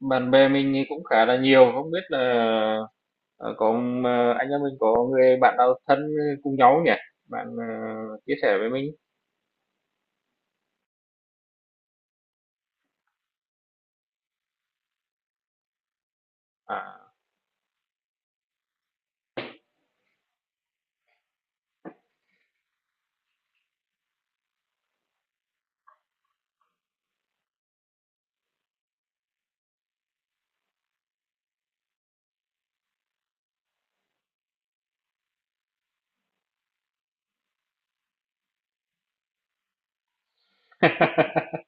Bạn bè mình thì cũng khá là nhiều, không biết là, ờ, có, anh em mình có người bạn nào thân cùng nhau nhỉ? Bạn, chia sẻ với mình. À.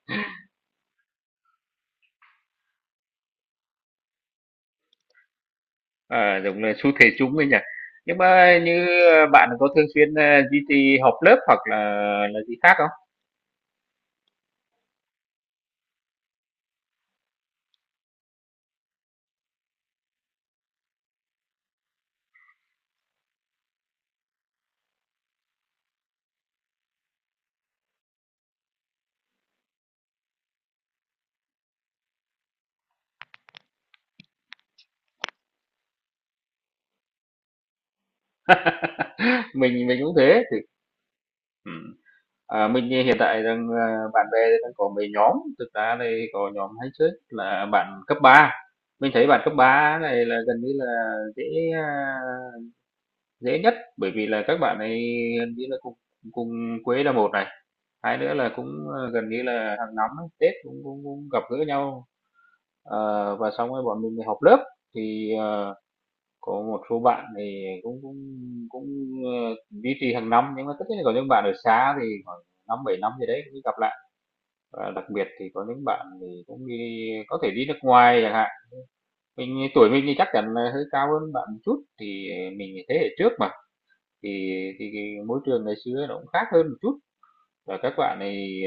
À, đúng là xu thế chung ấy nhỉ. Nhưng mà như, bạn có thường xuyên, duy trì họp lớp hoặc là gì khác không? Mình cũng thế, thì ừm, à, mình hiện tại rằng, bạn bè đang có mấy nhóm, thực ra đây có nhóm hay chơi là bạn cấp ba. Mình thấy bạn cấp 3 này là gần như là dễ, ờ, dễ nhất, bởi vì là các bạn này gần như là cùng cùng quê là một này, hai nữa là cũng, gần như là hàng năm Tết cũng cũng cũng gặp gỡ nhau, và xong rồi bọn mình lại họp lớp. Thì, có một số bạn thì cũng cũng cũng, duy trì hàng năm, nhưng mà tất nhiên là có những bạn ở xa thì khoảng năm bảy năm gì đấy mới gặp lại. Và đặc biệt thì có những bạn thì cũng đi, có thể đi nước ngoài chẳng hạn, mình tuổi mình thì chắc chắn là hơi cao hơn bạn một chút, thì mình thế hệ trước mà. thì thì cái môi trường ngày xưa nó cũng khác hơn một chút và các bạn này,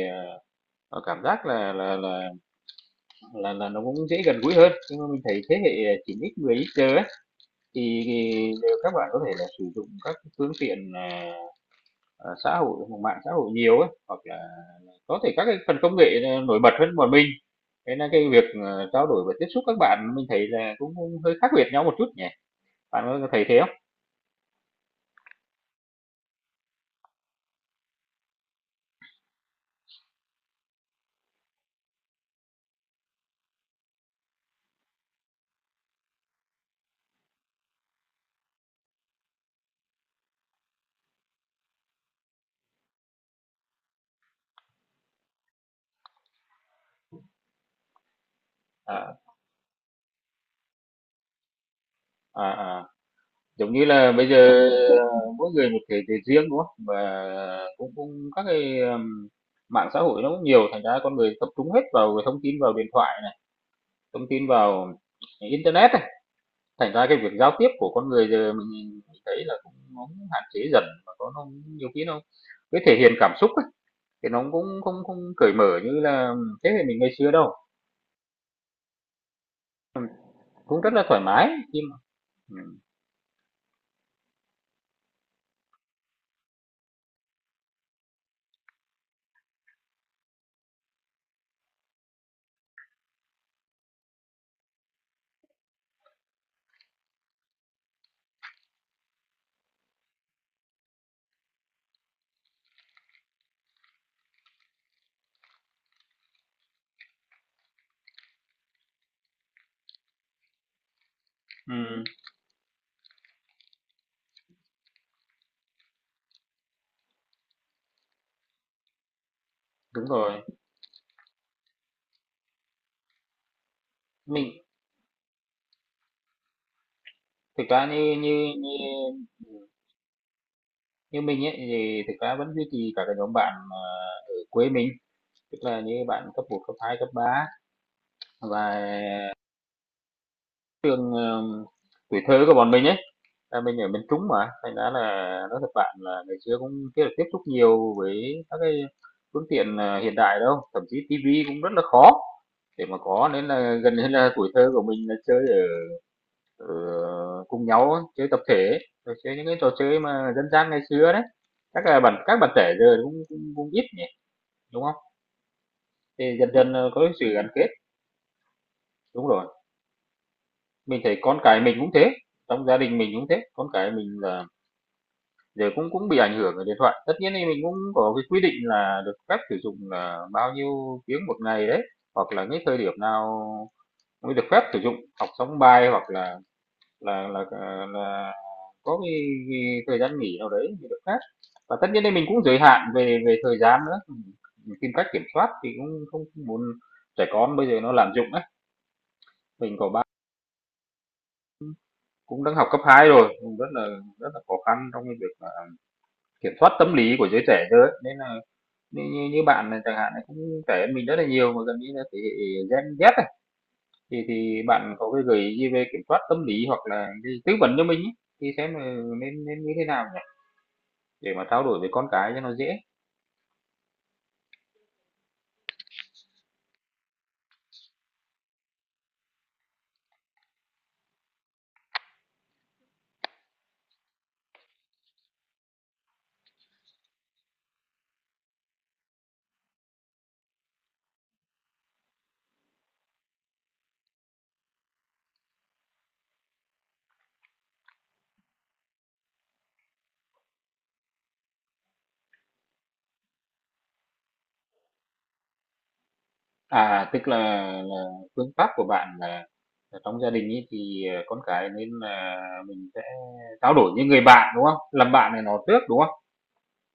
cảm giác là nó cũng dễ gần gũi hơn, nhưng mà mình thấy thế hệ 9x 10x giờ ấy, thì đều các bạn có thể là sử dụng các phương tiện xã hội, mạng xã hội nhiều ấy, hoặc là có thể các cái phần công nghệ nổi bật hơn bọn mình. Thế là cái việc trao đổi và tiếp xúc các bạn mình thấy là cũng hơi khác biệt nhau một chút nhỉ, bạn có thấy thế không? à, à, à. Giống như là bây giờ mỗi người một thể chế riêng đúng không, và cũng cũng các cái mạng xã hội nó cũng nhiều, thành ra con người tập trung hết vào thông tin, vào điện thoại này, thông tin vào internet này, thành ra cái việc giao tiếp của con người giờ mình thấy là cũng, nó cũng hạn chế dần mà có nó nhiều khi nó, cái thể hiện cảm xúc ấy, thì nó cũng không không cởi mở như là thế hệ mình ngày xưa đâu. Ừ, cũng rất là thoải mái khi mà ừ, ừ, đúng rồi. Mình thực ra như như mình ấy, thì thực ra vẫn duy trì cả cái nhóm bạn, ở quê mình, tức là như bạn cấp một, cấp hai, cấp 3 và trường, tuổi thơ của bọn mình ấy, là mình ở miền Trung mà, thành ra là nói thật bạn là ngày xưa cũng chưa được tiếp xúc nhiều với các cái phương tiện, hiện đại đâu, thậm chí tivi cũng rất là khó để mà có, nên là gần như là tuổi thơ của mình là chơi ở ở cùng nhau á, chơi tập thể ấy, rồi chơi những cái trò chơi mà dân gian ngày xưa đấy. Chắc là bạn các bạn trẻ giờ cũng cũng cũng ít nhỉ, đúng không? Thì dần dần, có cái sự gắn kết, đúng rồi. Mình thấy con cái mình cũng thế, trong gia đình mình cũng thế, con cái mình là giờ cũng cũng bị ảnh hưởng bởi điện thoại. Tất nhiên thì mình cũng có cái quy định là được phép sử dụng là bao nhiêu tiếng một ngày đấy, hoặc là cái thời điểm nào mới được phép sử dụng, học xong bài hoặc là là có cái thời gian nghỉ nào đấy thì được phép. Và tất nhiên thì mình cũng giới hạn về về thời gian nữa, mình tìm cách kiểm soát thì cũng không muốn trẻ con bây giờ nó lạm dụng ấy. Mình có, cũng đang học cấp 2 rồi, cũng rất là khó khăn trong cái việc, kiểm soát tâm lý của giới trẻ giờ. Nên là như như như bạn này chẳng hạn là cũng trẻ hơn mình rất là nhiều, mà gần như là thế hệ Gen Z này, thì bạn có cái gợi ý gì về kiểm soát tâm lý hoặc là cái tư vấn cho mình ấy, thì xem là nên nên như thế nào nhỉ? Để mà trao đổi với con cái cho nó dễ. À, tức là phương pháp của bạn là trong gia đình ấy thì, con cái nên là mình sẽ trao đổi với người bạn, đúng không? Làm bạn này nó trước, đúng không?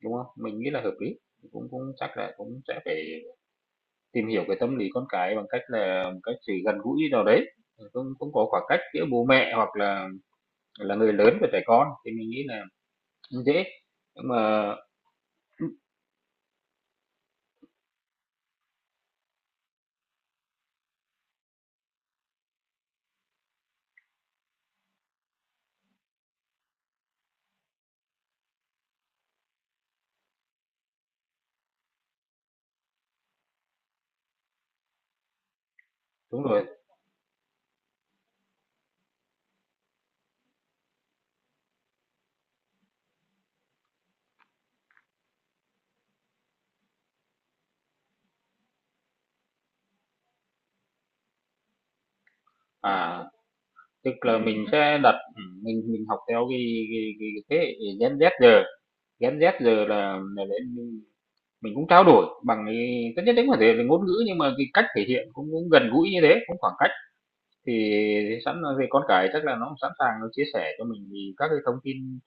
Đúng không? Mình nghĩ là hợp lý, cũng cũng chắc là cũng sẽ phải tìm hiểu cái tâm lý con cái bằng cách là một cách sự gần gũi nào đấy, cũng cũng có khoảng cách giữa bố mẹ hoặc là người lớn với trẻ con thì mình nghĩ là cũng dễ. Nhưng mà đúng rồi, à, tức là mình sẽ đặt mình học theo cái cái thế hệ Gen Z giờ, Gen Z giờ là để mình cũng trao đổi bằng cái tất nhiên đấy có thể là ngôn ngữ, nhưng mà cái cách thể hiện cũng cũng gần gũi như thế, cũng khoảng cách. Thì sẵn về con cái chắc là nó cũng sẵn sàng nó chia sẻ cho mình thì các cái thông tin,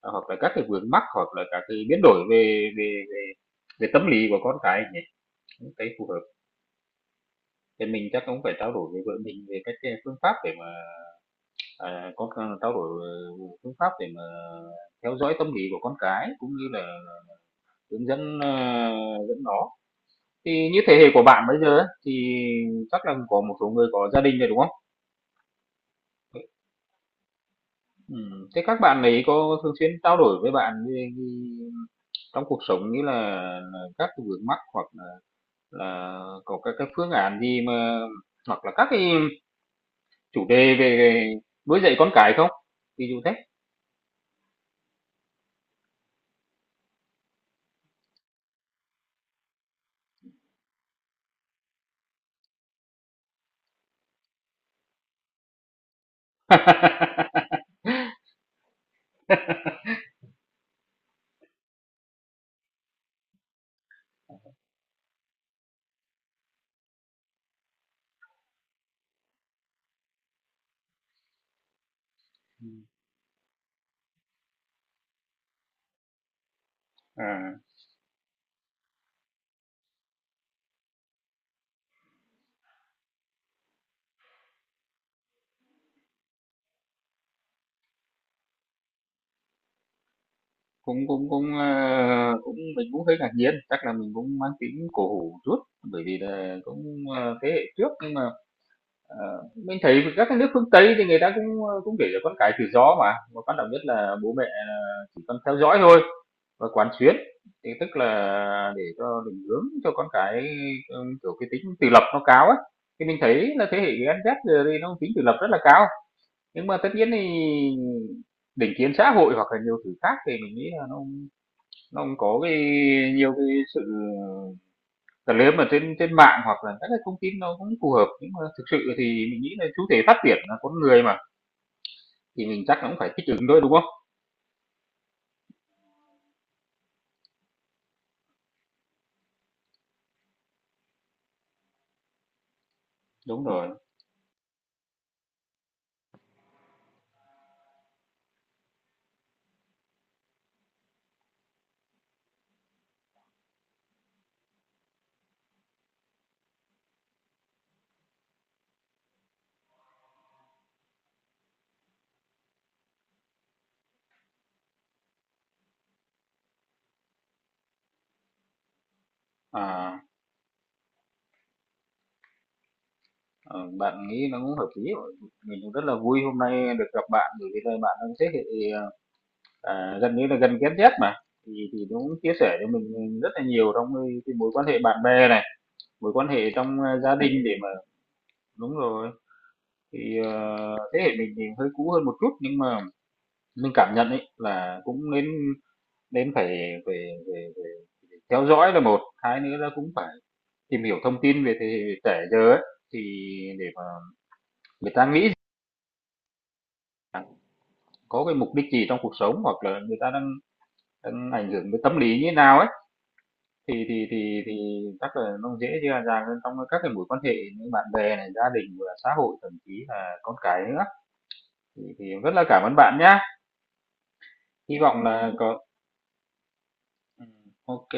hoặc là các cái vướng mắc, hoặc là các cái biến đổi về về tâm lý của con cái nhỉ, cũng thấy phù hợp. Thì mình chắc cũng phải trao đổi với vợ mình về các cái phương pháp để mà, à, có c trao đổi, phương pháp để mà theo dõi tâm lý của con cái, cũng như là hướng dẫn, dẫn nó. Thì như thế hệ của bạn bây giờ á, thì chắc là có một số người có gia đình rồi, đúng không? Thế các bạn ấy có thường xuyên trao đổi với bạn về cái trong cuộc sống, như là các cái vướng mắc, hoặc là có các cái phương án gì mà, hoặc là các cái chủ đề về nuôi dạy con cái không? Ví dụ thế. À, cũng cũng cũng, cũng mình cũng hơi ngạc nhiên, chắc là mình cũng mang tính cổ hủ chút, bởi vì là cũng, thế hệ trước, nhưng mà, ờ, mình thấy các cái nước phương Tây thì người ta cũng, cũng để cho con cái tự do mà quan trọng nhất là bố mẹ là chỉ cần theo dõi thôi. Và quán xuyến, thì tức là để cho định hướng cho con cái, ừ, kiểu cái tính tự lập nó cao ấy. Thì mình thấy là thế hệ Gen Z giờ đây nó tính tự lập rất là cao, nhưng mà tất nhiên thì định kiến xã hội hoặc là nhiều thứ khác thì mình nghĩ là nó cũng có cái nhiều cái sự cần, nếu mà trên trên mạng hoặc là các cái thông tin nó cũng phù hợp, nhưng mà thực sự thì mình nghĩ là chủ thể phát triển là con người mà, thì mình chắc nó cũng phải thích ứng thôi, đúng không? Đúng rồi, à. Ờ, bạn nghĩ nó cũng hợp lý rồi. Mình cũng rất là vui hôm nay được gặp bạn, bởi vì là bạn đang thế hệ, à, gần như là gần Gen Z mà. Thì nó cũng chia sẻ cho mình rất là nhiều trong cái mối quan hệ bạn bè này, mối quan hệ trong à, gia đình để mà đúng rồi. Thì thế hệ mình thì hơi cũ hơn một chút, nhưng mà mình cảm nhận ấy là cũng nên nên phải phải, phải, phải, phải theo dõi là một, hai nữa là cũng phải tìm hiểu thông tin về thế hệ trẻ giờ ấy, thì để mà người ta nghĩ có cái mục đích gì trong cuộc sống, hoặc là người ta đang đang ảnh hưởng với tâm lý như thế nào ấy, thì thì chắc là nó dễ dàng dàng hơn trong các cái mối quan hệ như bạn bè này, gia đình và xã hội, thậm chí là con cái nữa, thì rất là cảm ơn bạn nhá. Hy vọng là có ừ, ok.